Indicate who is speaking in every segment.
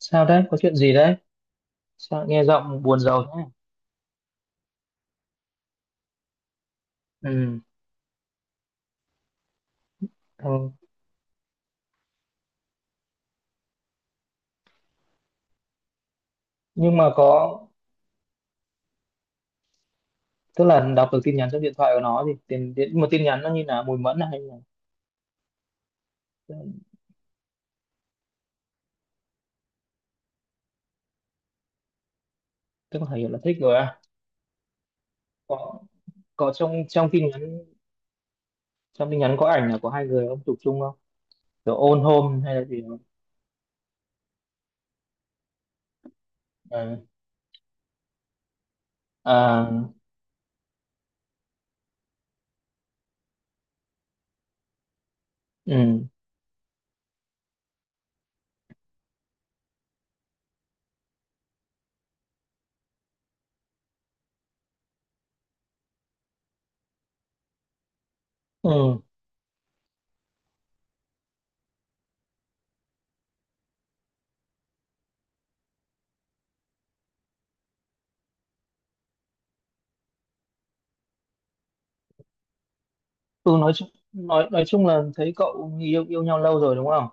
Speaker 1: Sao đấy? Có chuyện gì đấy? Sao nghe giọng buồn rầu thế? Ừ. Ừ. Nhưng mà có, tức là đọc được tin nhắn trong điện thoại của nó thì tin tin- một tin nhắn nó như là mùi mẫn à, hay là tức là hiểu là thích rồi à? Có có trong trong tin nhắn, trong tin nhắn có ảnh là của hai người ông chụp chung không? Kiểu ôn hôn hay là gì không? Ừ. À, ừ. Ừ. Ừ, nói chung nói chung là thấy cậu yêu yêu nhau lâu rồi đúng không?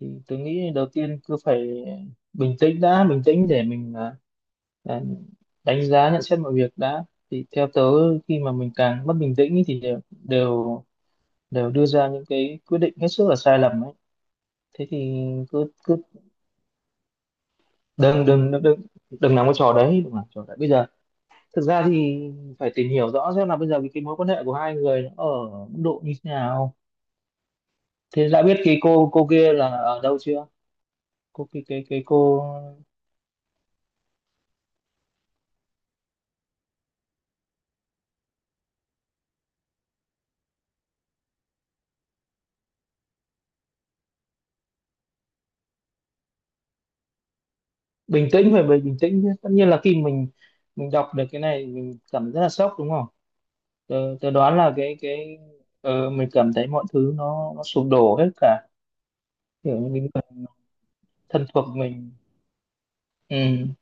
Speaker 1: Thì tôi nghĩ đầu tiên cứ phải bình tĩnh đã, bình tĩnh để mình Ờ, đánh giá nhận xét mọi việc đã. Thì theo tớ khi mà mình càng mất bình tĩnh ý thì đều đều đều đưa ra những cái quyết định hết sức là sai lầm ấy. Thế thì cứ cứ đừng đừng đừng đừng, đừng làm cái trò đấy, đừng làm trò đấy bây giờ. Thực ra thì phải tìm hiểu rõ xem là bây giờ cái mối quan hệ của hai người nó ở mức độ như thế nào. Thế đã biết cái cô kia là ở đâu chưa? Cô cái cô Bình tĩnh, phải bình tĩnh chứ, tất nhiên là khi mình đọc được cái này mình cảm thấy rất là sốc đúng không? Tớ đoán là cái mình cảm thấy mọi thứ nó sụp đổ hết cả, kiểu như những người thân thuộc mình. Ừ.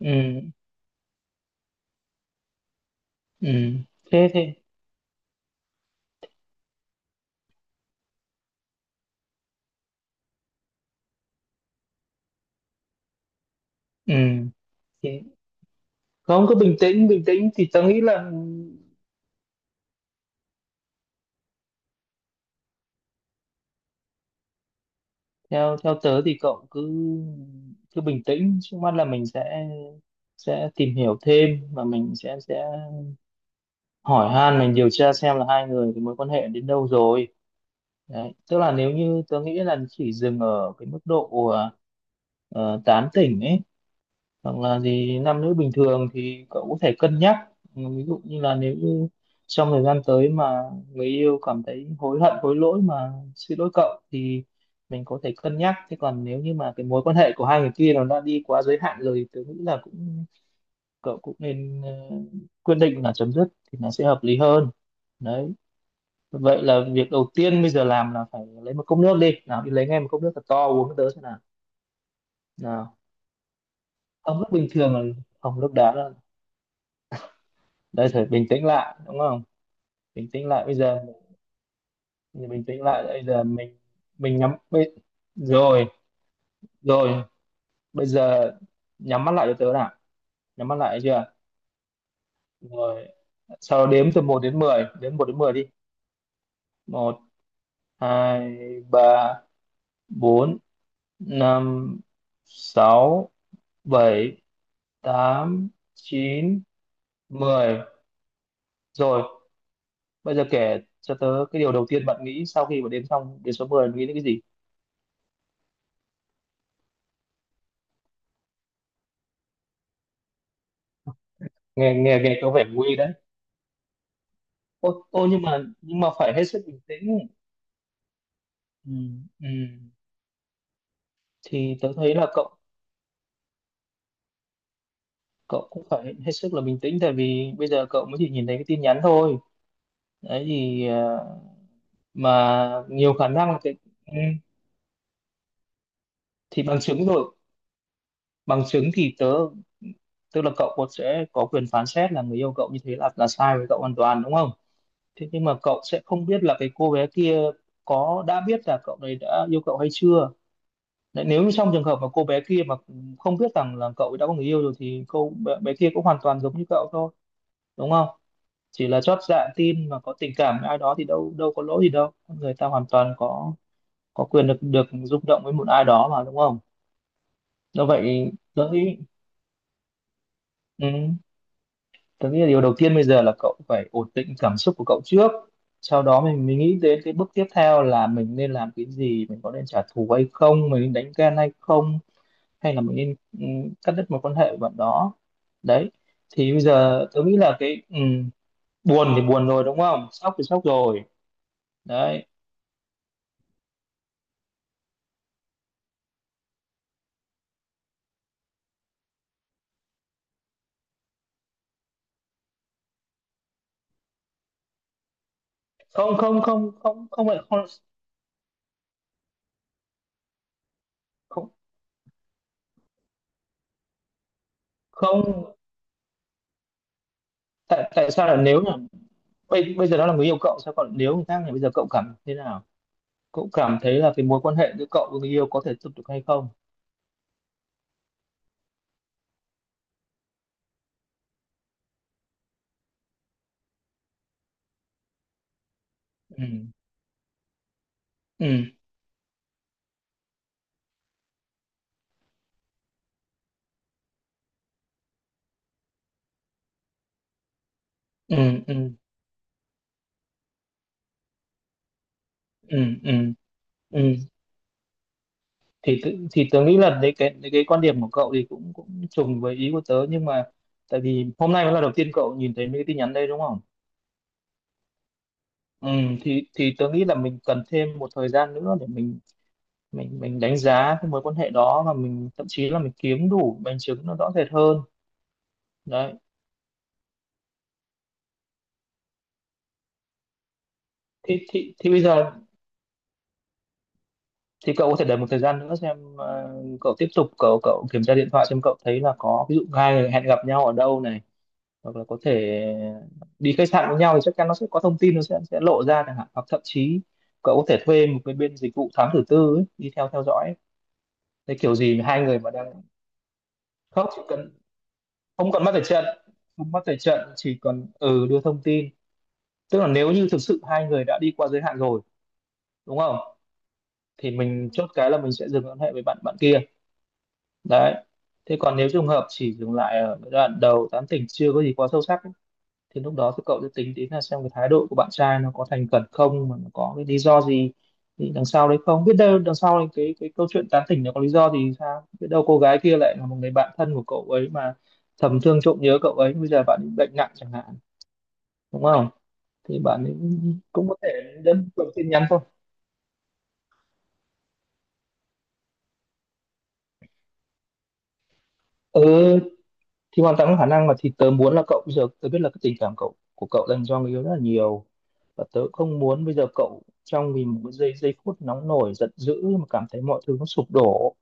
Speaker 1: Ừ. Ừ. thế thế Ừ. Thế. Không, cứ bình tĩnh, bình tĩnh thì tớ nghĩ là theo theo tớ thì cậu cứ cứ bình tĩnh, trước mắt là mình sẽ tìm hiểu thêm và mình sẽ hỏi han, mình điều tra xem là hai người cái mối quan hệ đến đâu rồi. Đấy, tức là nếu như tớ nghĩ là chỉ dừng ở cái mức độ tán tỉnh ấy, hoặc là gì nam nữ bình thường thì cậu có thể cân nhắc. Ừ, ví dụ như là nếu như trong thời gian tới mà người yêu cảm thấy hối hận hối lỗi mà xin lỗi cậu thì mình có thể cân nhắc. Thế còn nếu như mà cái mối quan hệ của hai người kia nó đã đi quá giới hạn rồi thì tôi nghĩ là cũng, cậu cũng nên quyết định là chấm dứt thì nó sẽ hợp lý hơn. Đấy. Vậy là việc đầu tiên bây giờ làm là phải lấy một cốc nước đi, nào đi lấy ngay một cốc nước thật to uống cái tớ xem nào. Nào. Ấm nước bình thường là không, nước đá là đây, phải bình tĩnh lại đúng không? Bình tĩnh lại bây giờ, bình tĩnh lại bây giờ mình mình nhắm bây, rồi. Rồi. Bây giờ nhắm mắt lại cho tớ nào. Nhắm mắt lại chưa? Rồi. Sau đó đếm từ một đến 10, đếm một đến 10 đi. Một. Hai. Ba. Bốn. Năm. Sáu. Bảy. Tám. Chín. Mười. Rồi, bây giờ kể cho tớ cái điều đầu tiên bạn nghĩ sau khi mà đếm xong đến số mười, nghĩ đến cái gì. Nghe nghe Nghe có vẻ nguy. Ô, nhưng mà phải hết sức bình tĩnh. Ừ, ừ. Thì tớ thấy là cậu cậu cũng phải hết sức là bình tĩnh, tại vì bây giờ cậu mới chỉ nhìn thấy cái tin nhắn thôi. Đấy thì mà nhiều khả năng là ừ, thì bằng chứng rồi. Bằng chứng thì tớ, tức là cậu cũng sẽ có quyền phán xét là người yêu cậu như thế là sai với cậu hoàn toàn đúng không? Thế nhưng mà cậu sẽ không biết là cái cô bé kia có đã biết là cậu đấy đã yêu cậu hay chưa. Đấy, nếu như trong trường hợp mà cô bé kia mà không biết rằng là cậu ấy đã có người yêu rồi thì bé kia cũng hoàn toàn giống như cậu thôi đúng không? Chỉ là chót dạ tin mà có tình cảm với ai đó thì đâu đâu có lỗi gì đâu, người ta hoàn toàn có quyền được được rung động với một ai đó mà đúng không? Do vậy tôi nghĩ ừ, tôi nghĩ là điều đầu tiên bây giờ là cậu phải ổn định cảm xúc của cậu trước, sau đó mình nghĩ đến cái bước tiếp theo là mình nên làm cái gì, mình có nên trả thù hay không, mình nên đánh ghen hay không, hay là mình nên cắt đứt một quan hệ với bạn đó. Đấy. Thì bây giờ tôi nghĩ là buồn thì buồn rồi đúng không, sốc thì sốc rồi. Đấy. Không, không, không, không, không phải. Không không, không. Tại tại sao là nếu là bây bây giờ nó là người yêu cậu, sao còn nếu người khác thì bây giờ cậu cảm thế nào, cậu cảm thấy là cái mối quan hệ giữa cậu với người yêu có thể tiếp tục hay không? Ừ. Ừ. Ừ. Ừ. Ừ. Ừ. Ừ. Thì tớ nghĩ là đấy cái quan điểm của cậu thì cũng cũng trùng với ý của tớ, nhưng mà tại vì hôm nay mới là đầu tiên cậu nhìn thấy mấy cái tin nhắn đây đúng không? Ừ, thì tớ nghĩ là mình cần thêm một thời gian nữa để mình đánh giá cái mối quan hệ đó, và mình thậm chí là mình kiếm đủ bằng chứng nó rõ rệt hơn. Đấy thì bây giờ thì cậu có thể đợi một thời gian nữa xem cậu tiếp tục cậu cậu kiểm tra điện thoại xem cậu thấy là có ví dụ hai người hẹn gặp nhau ở đâu này, hoặc là có thể đi khách sạn với nhau thì chắc chắn nó sẽ có thông tin, nó sẽ lộ ra chẳng hạn, hoặc thậm chí cậu có thể thuê một cái bên dịch vụ thám tử tư ấy, đi theo theo dõi ấy. Thế kiểu gì mà hai người mà đang khóc chỉ cần không còn mắt ở trận, không mắt ở trận chỉ còn đưa thông tin, tức là nếu như thực sự hai người đã đi qua giới hạn rồi đúng không, thì mình chốt cái là mình sẽ dừng quan hệ với bạn bạn kia. Đấy. Thế còn nếu trường hợp chỉ dừng lại ở giai đoạn đầu tán tỉnh chưa có gì quá sâu sắc thì lúc đó thì cậu sẽ tính đến là xem cái thái độ của bạn trai nó có thành khẩn không, mà nó có cái lý do gì, thì đằng sau đấy không biết đâu, đằng sau đấy cái câu chuyện tán tỉnh nó có lý do thì sao, biết đâu cô gái kia lại là một người bạn thân của cậu ấy mà thầm thương trộm nhớ cậu ấy, bây giờ bạn ấy bệnh nặng chẳng hạn, đúng không, thì bạn ấy cũng có thể đơn thuần tin nhắn thôi. Ừ thì hoàn toàn có khả năng mà, thì tớ muốn là cậu bây giờ, tớ biết là cái tình cảm cậu, của cậu dành cho người yêu rất là nhiều, và tớ không muốn bây giờ cậu trong vì một cái giây giây phút nóng nổi giận dữ mà cảm thấy mọi thứ nó sụp đổ,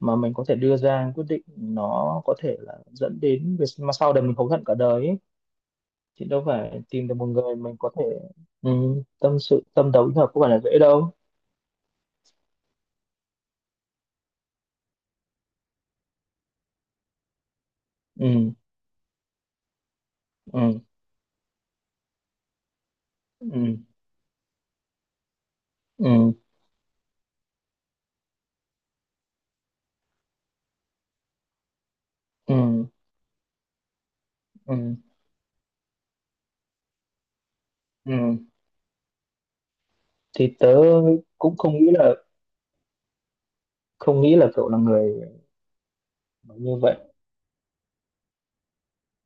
Speaker 1: mà mình có thể đưa ra quyết định nó có thể là dẫn đến việc mà sau này mình hối hận cả đời ấy. Thì đâu phải tìm được một người mình có thể ừ, tâm sự tâm đầu ý hợp có phải là dễ đâu. Ừ. Ừ. Ừ. Ừ. Ừ. Ừ. Ừ. Thì tớ cũng không nghĩ là, không nghĩ là cậu là người như vậy.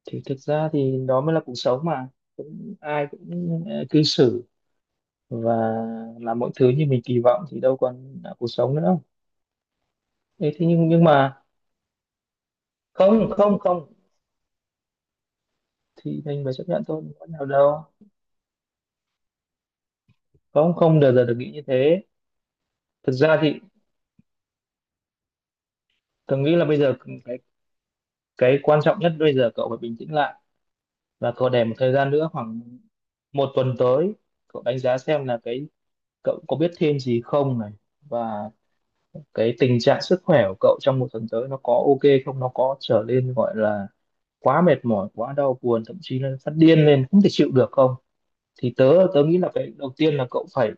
Speaker 1: Thì thực ra thì đó mới là cuộc sống mà, cũng ai cũng cư xử và làm mọi thứ như mình kỳ vọng thì đâu còn là cuộc sống nữa. Thế thế nhưng mà không, không, không, thì mình phải chấp nhận thôi có nào đâu, không, không bao giờ được nghĩ như thế. Thực ra thì tôi nghĩ là bây giờ cái cái quan trọng nhất bây giờ cậu phải bình tĩnh lại, và cậu để một thời gian nữa khoảng một tuần tới cậu đánh giá xem là cái cậu có biết thêm gì không này, và cái tình trạng sức khỏe của cậu trong một tuần tới nó có ok không, nó có trở nên gọi là quá mệt mỏi, quá đau buồn, thậm chí là phát điên lên không thể chịu được không. Thì tớ tớ nghĩ là cái đầu tiên là cậu phải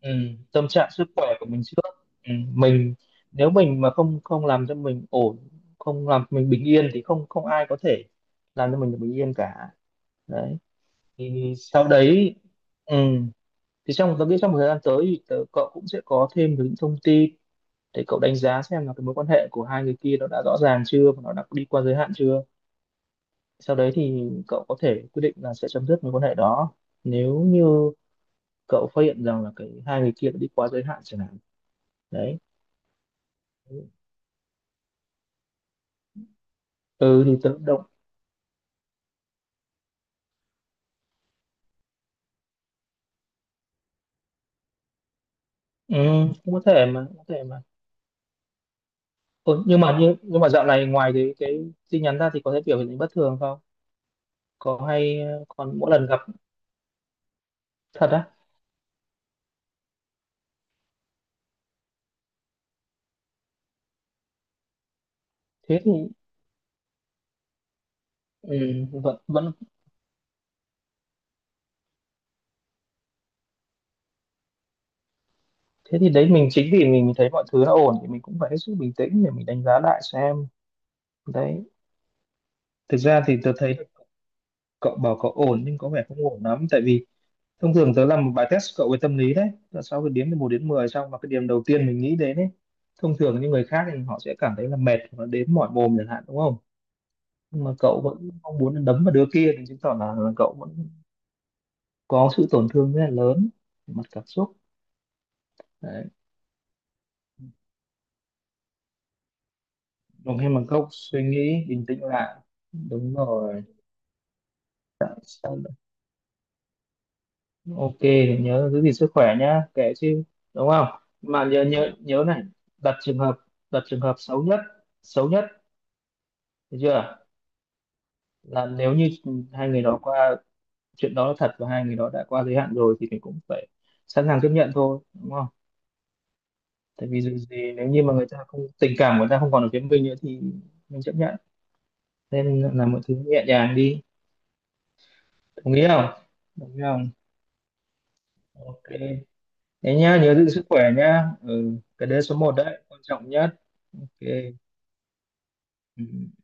Speaker 1: ừ, tâm trạng sức khỏe của mình trước, mình, nếu mình mà không, làm cho mình ổn, không làm cho mình bình yên thì không, không ai có thể làm cho mình được bình yên cả. Đấy. Thì sau đấy ừ, thì trong tớ nghĩ trong một thời gian tới thì cậu cũng sẽ có thêm được những thông tin để cậu đánh giá xem là cái mối quan hệ của hai người kia nó đã rõ ràng chưa và nó đã đi qua giới hạn chưa, sau đấy thì cậu có thể quyết định là sẽ chấm dứt mối quan hệ đó nếu như cậu phát hiện rằng là hai người kia đã đi quá giới hạn chẳng hạn. Đấy. Ừ thì tự động. Ừ, cũng có thể mà. Ừ, nhưng mà dạo này ngoài cái tin nhắn ra thì có thể biểu hiện bất thường không, có hay còn mỗi lần gặp. Thật á? Thế thì ừ, vẫn vẫn. Thế thì đấy, mình chính vì mình thấy mọi thứ nó ổn thì mình cũng phải hết sức bình tĩnh để mình đánh giá lại xem. Đấy. Thực ra thì tôi thấy cậu bảo cậu ổn nhưng có vẻ không ổn lắm, tại vì thông thường tớ làm một bài test cậu về tâm lý đấy. Là sau cái điểm từ một đến 10 xong mà cái điểm đầu tiên mình nghĩ đến ấy, thông thường những người khác thì họ sẽ cảm thấy là mệt và đến mỏi mồm chẳng hạn đúng không? Nhưng mà cậu vẫn mong muốn là đấm vào đứa kia thì chứng tỏ là cậu vẫn có sự tổn thương rất là lớn về mặt cảm xúc. Đấy. Dùng thêm bằng cốc suy nghĩ bình tĩnh lại. Đúng rồi. Sau đó- ok, nhớ giữ gìn sức khỏe nhá, kệ chứ, đúng không? Mà nhớ nhớ nhớ này, đặt trường hợp, đặt trường hợp xấu nhất, được chưa? Là nếu như hai người đó qua, chuyện đó là thật và hai người đó đã qua giới hạn rồi thì mình cũng phải sẵn sàng chấp nhận thôi đúng không, tại vì dù gì nếu như mà người ta không, tình cảm của người ta không còn ở phía mình nữa thì mình chấp nhận, nên là mọi thứ nhẹ nhàng đi. Đồng ý không? Đồng ý không? Ok. Thế nhá, nhớ giữ sức khỏe nhá, ừ, cái đấy số một đấy quan trọng nhất. Ok. Ừ.